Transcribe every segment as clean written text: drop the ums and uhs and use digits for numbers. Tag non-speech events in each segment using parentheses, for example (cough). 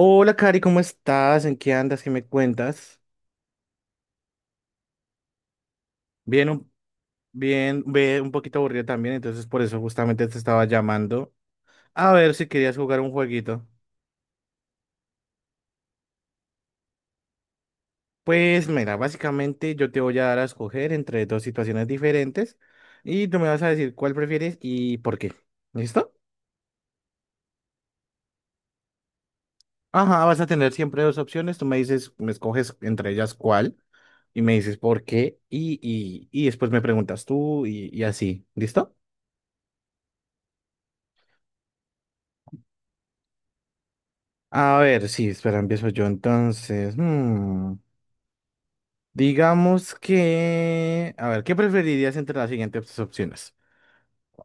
Hola, Cari, ¿cómo estás? ¿En qué andas? ¿Qué me cuentas? Bien, un- bien, ve un poquito aburrida también, entonces por eso justamente te estaba llamando a ver si querías jugar un jueguito. Pues mira, básicamente yo te voy a dar a escoger entre dos situaciones diferentes y tú me vas a decir cuál prefieres y por qué. ¿Listo? Ajá, vas a tener siempre dos opciones, tú me dices, me escoges entre ellas cuál y me dices por qué y después me preguntas tú y así. ¿Listo? A ver, sí, espera, empiezo yo entonces. Digamos que, a ver, ¿qué preferirías entre las siguientes opciones?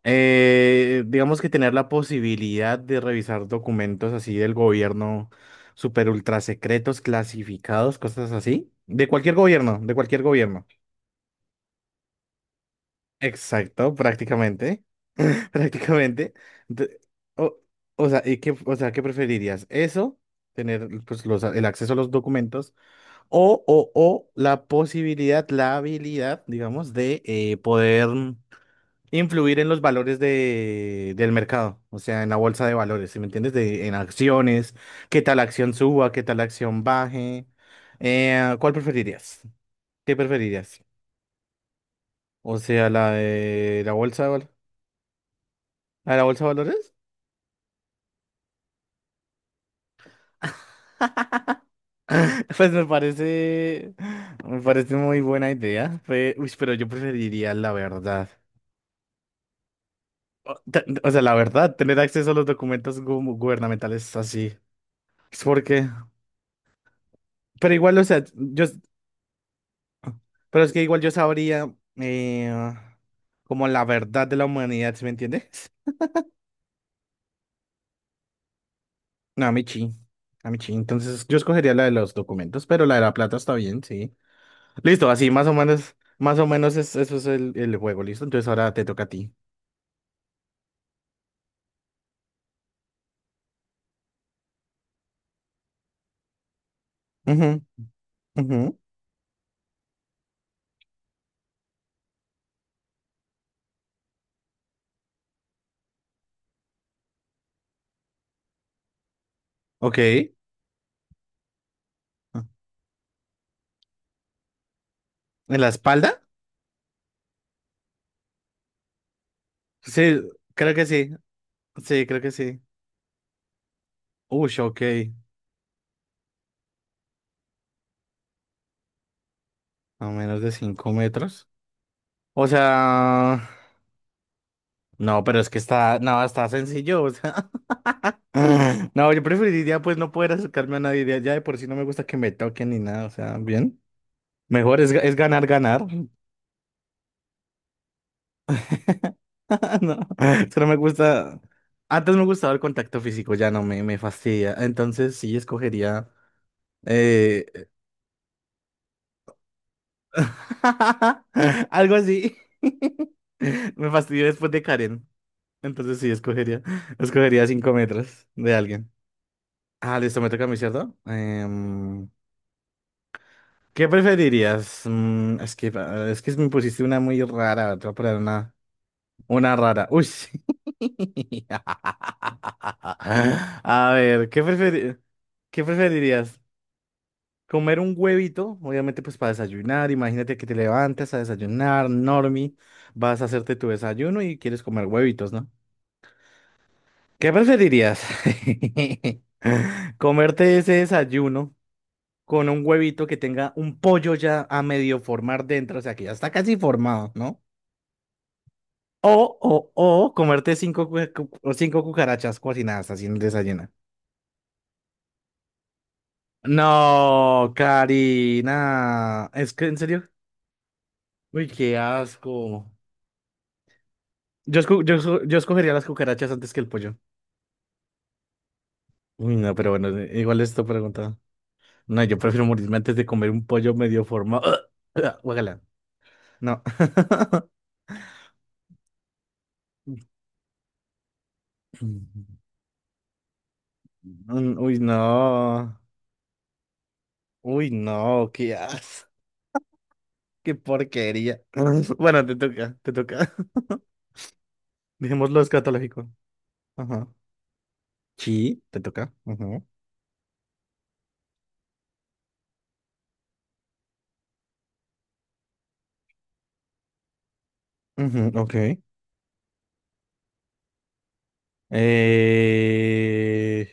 Digamos que tener la posibilidad de revisar documentos así del gobierno, super ultra secretos, clasificados, cosas así. De cualquier gobierno, de cualquier gobierno. Exacto, prácticamente. (laughs) Prácticamente. De- o, o sea, o sea, ¿qué preferirías? ¿Eso? Tener pues, el acceso a los documentos o la posibilidad, la habilidad, digamos, de poder influir en los valores del mercado, o sea, en la bolsa de valores, ¿sí me entiendes? En acciones, qué tal acción suba, qué tal acción baje. ¿Cuál preferirías? ¿Qué preferirías? O sea, la de la bolsa de valores. ¿A la bolsa de valores? (laughs) Pues me parece, me parece muy buena idea. Uy, pero yo preferiría la verdad. O sea, la verdad, tener acceso a los documentos gubernamentales es así. Es porque, pero igual, pero es que igual yo sabría como la verdad de la humanidad, ¿sí me entiendes? No, a mí sí, a mí sí. Entonces yo escogería la de los documentos, pero la de la plata está bien, sí. Listo, así más o menos eso es el juego, ¿listo? Entonces ahora te toca a ti. Ujú, ujú. Ok. Ah, ¿en la espalda? Sí, creo que sí, sí, creo que sí. Uy, ok. A menos de 5 metros. O sea, no, pero es que está, no, está sencillo, o sea. (laughs) No, yo preferiría pues no poder acercarme a nadie, de allá de por sí no me gusta que me toquen ni nada, o sea, bien. Mejor es, es ganar, ganar. (laughs) No, solo me gusta, antes me gustaba el contacto físico, ya no me, me fastidia. Entonces sí escogería eh... (laughs) algo así. (laughs) Me fastidió después de Karen. Entonces sí escogería, escogería 5 metros de alguien. Ah, listo, me toca a mí, ¿cierto? ¿Qué preferirías? Es que me pusiste una muy rara, te voy a poner una rara. Uy, sí. (laughs) A ver, ¿qué preferirías? ¿Comer un huevito? Obviamente, pues para desayunar. Imagínate que te levantas a desayunar, normie, vas a hacerte tu desayuno y quieres comer huevitos, ¿no? ¿Qué preferirías? (laughs) ¿Comerte ese desayuno con un huevito que tenga un pollo ya a medio formar dentro, o sea, que ya está casi formado, ¿no? O, o, o comerte cinco, o cinco cucarachas cocinadas haciendo desayuno. No, Karina. Es que, ¿en serio? Uy, qué asco. Yo escogería las cucarachas antes que el pollo. Uy, no, pero bueno, igual esto preguntado. No, yo prefiero morirme antes de comer un pollo medio formado. (clears throat) Guácala. No. (laughs) Uy, no. Uy, no, qué as, qué porquería. (laughs) Bueno, te toca, te toca. (laughs) Dejémoslo escatológico. Ajá. Sí, te toca. Ujú. Ujú, ok. Eh,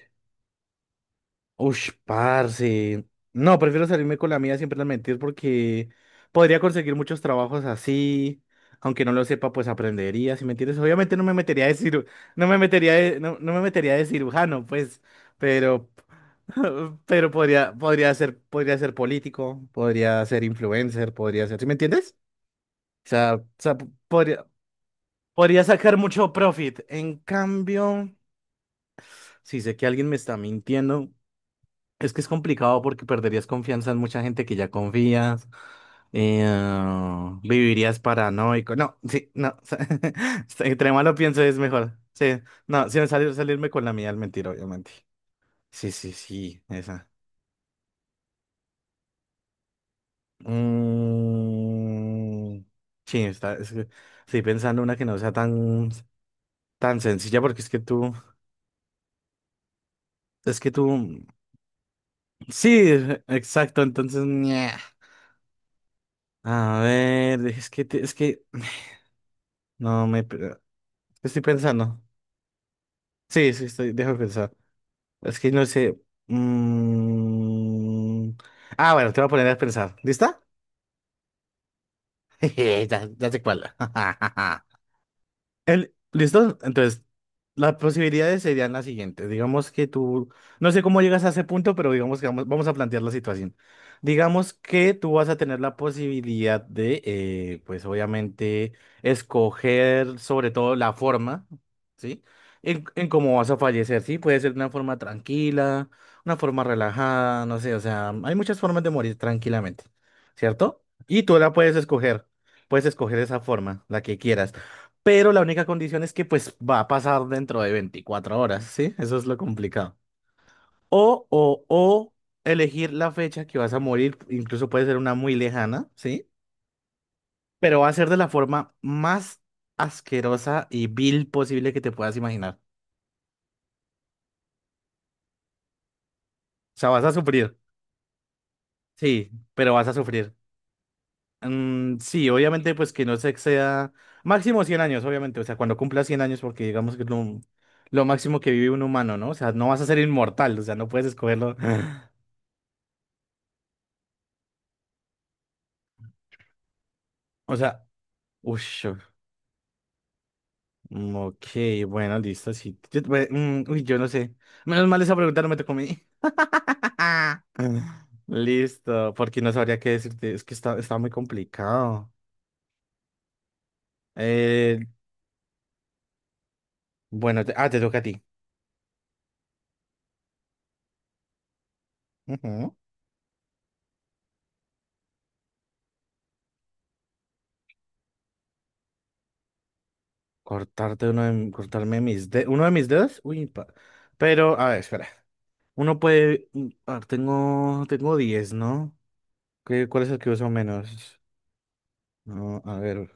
ush, parce. No, prefiero salirme con la mía siempre al mentir porque podría conseguir muchos trabajos así. Aunque no lo sepa, pues aprendería, si me entiendes. Obviamente no me metería de no me metería no, no me metería de cirujano, pues, pero, (laughs) pero podría, podría ser político, podría ser influencer, podría ser, ¿sí me entiendes? O sea, podría, podría sacar mucho profit. En cambio, si sé que alguien me está mintiendo. Es que es complicado porque perderías confianza en mucha gente que ya confías, vivirías paranoico. No, sí, no. (laughs) Entre más lo pienso es mejor. Sí, no, sin salir, salirme con la mía al mentir, obviamente. Sí, sí, sí, esa. Mm, sí, es que estoy pensando una que no sea tan, tan sencilla porque es que tú, sí, exacto, entonces, ñe. A ver, es que, es que, no me... Estoy pensando. Sí, sí, estoy, déjame pensar. Es que no sé. Mm. Ah, bueno, te voy a poner a pensar. ¿Lista? (laughs) Jeje, ya, ya sé cuál. (laughs) ¿Listo? Entonces las posibilidades serían las siguientes. Digamos que tú, no sé cómo llegas a ese punto, pero digamos que vamos, vamos a plantear la situación. Digamos que tú vas a tener la posibilidad de, pues obviamente, escoger sobre todo la forma, ¿sí? En cómo vas a fallecer, ¿sí? Puede ser de una forma tranquila, una forma relajada, no sé, o sea, hay muchas formas de morir tranquilamente, ¿cierto? Y tú la puedes escoger esa forma, la que quieras, pero la única condición es que pues va a pasar dentro de 24 horas, ¿sí? Eso es lo complicado. O elegir la fecha que vas a morir, incluso puede ser una muy lejana, ¿sí? Pero va a ser de la forma más asquerosa y vil posible que te puedas imaginar. O sea, vas a sufrir, sí, pero vas a sufrir. Sí, obviamente pues que no se exceda máximo 100 años, obviamente, o sea, cuando cumpla 100 años, porque digamos que es lo máximo que vive un humano, ¿no? O sea, no vas a ser inmortal, o sea, no puedes escogerlo. (laughs) O sea, uy, ok, ok, bueno, listo, sí. Yo, bueno, uy, yo no sé. Menos mal esa pregunta no me tocó a mí. (laughs) Listo, porque no sabría qué decirte. Es que está, está muy complicado. Eh, bueno, te toca a ti. Ujú. Cortarme mis dedos. ¿Uno de mis dedos? Uy, pero, a ver, espera. Uno puede. A ver, tengo, tengo 10, ¿no? ¿Cuál es el que uso menos? No, a ver.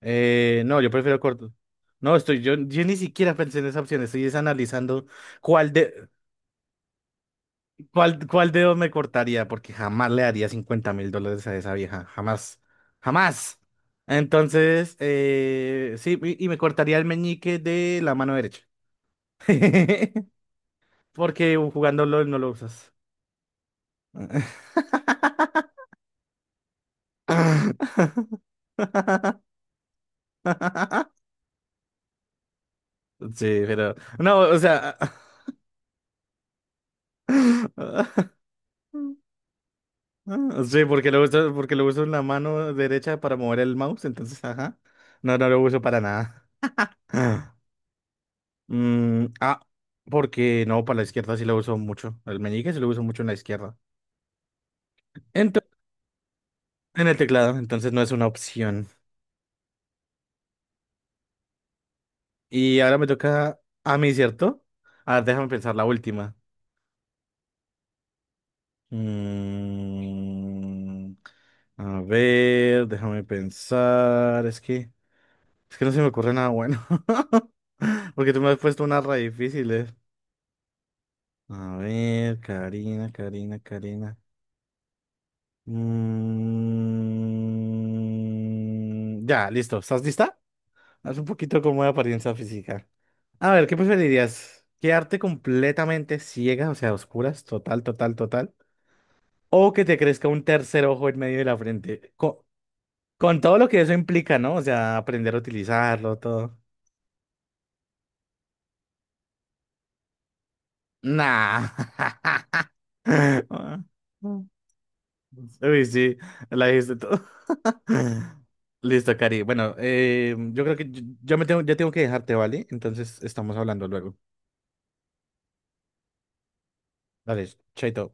No, yo prefiero corto. No, estoy, yo ni siquiera pensé en esa opción, estoy es analizando cuál de, cuál, cuál dedo me cortaría, porque jamás le daría $50.000 a esa vieja, jamás, jamás. Entonces, sí, y me cortaría el meñique de la mano derecha, (laughs) porque jugando LOL no lo usas. (laughs) Sí, pero, no, o sea... (laughs) Ah, sí, porque lo uso en la mano derecha para mover el mouse, entonces, ajá. No, no lo uso para nada. (laughs) (sighs) Ah, mm, ah, porque no, para la izquierda sí lo uso mucho. El meñique sí lo uso mucho en la izquierda. Ento- en el teclado, entonces no es una opción. Y ahora me toca a mí, ¿cierto? A ver, déjame pensar la última. Mm, a ver, déjame pensar. Es que no se me ocurre nada bueno. (laughs) Porque tú me has puesto una re difícil. A ver, Karina, Karina, Karina. Ya, listo. ¿Estás lista? Haz un poquito como de apariencia física. A ver, ¿qué preferirías? ¿Quedarte completamente ciega, o sea, a oscuras, total, total, total? ¿O que te crezca un tercer ojo en medio de la frente? Con todo lo que eso implica, ¿no? O sea, aprender a utilizarlo, todo. Nah. (laughs) Uy, sí, la dijiste tú. Listo, Cari. Bueno, yo creo que yo me tengo, ya tengo que dejarte, ¿vale? Entonces estamos hablando luego. Dale, chaito.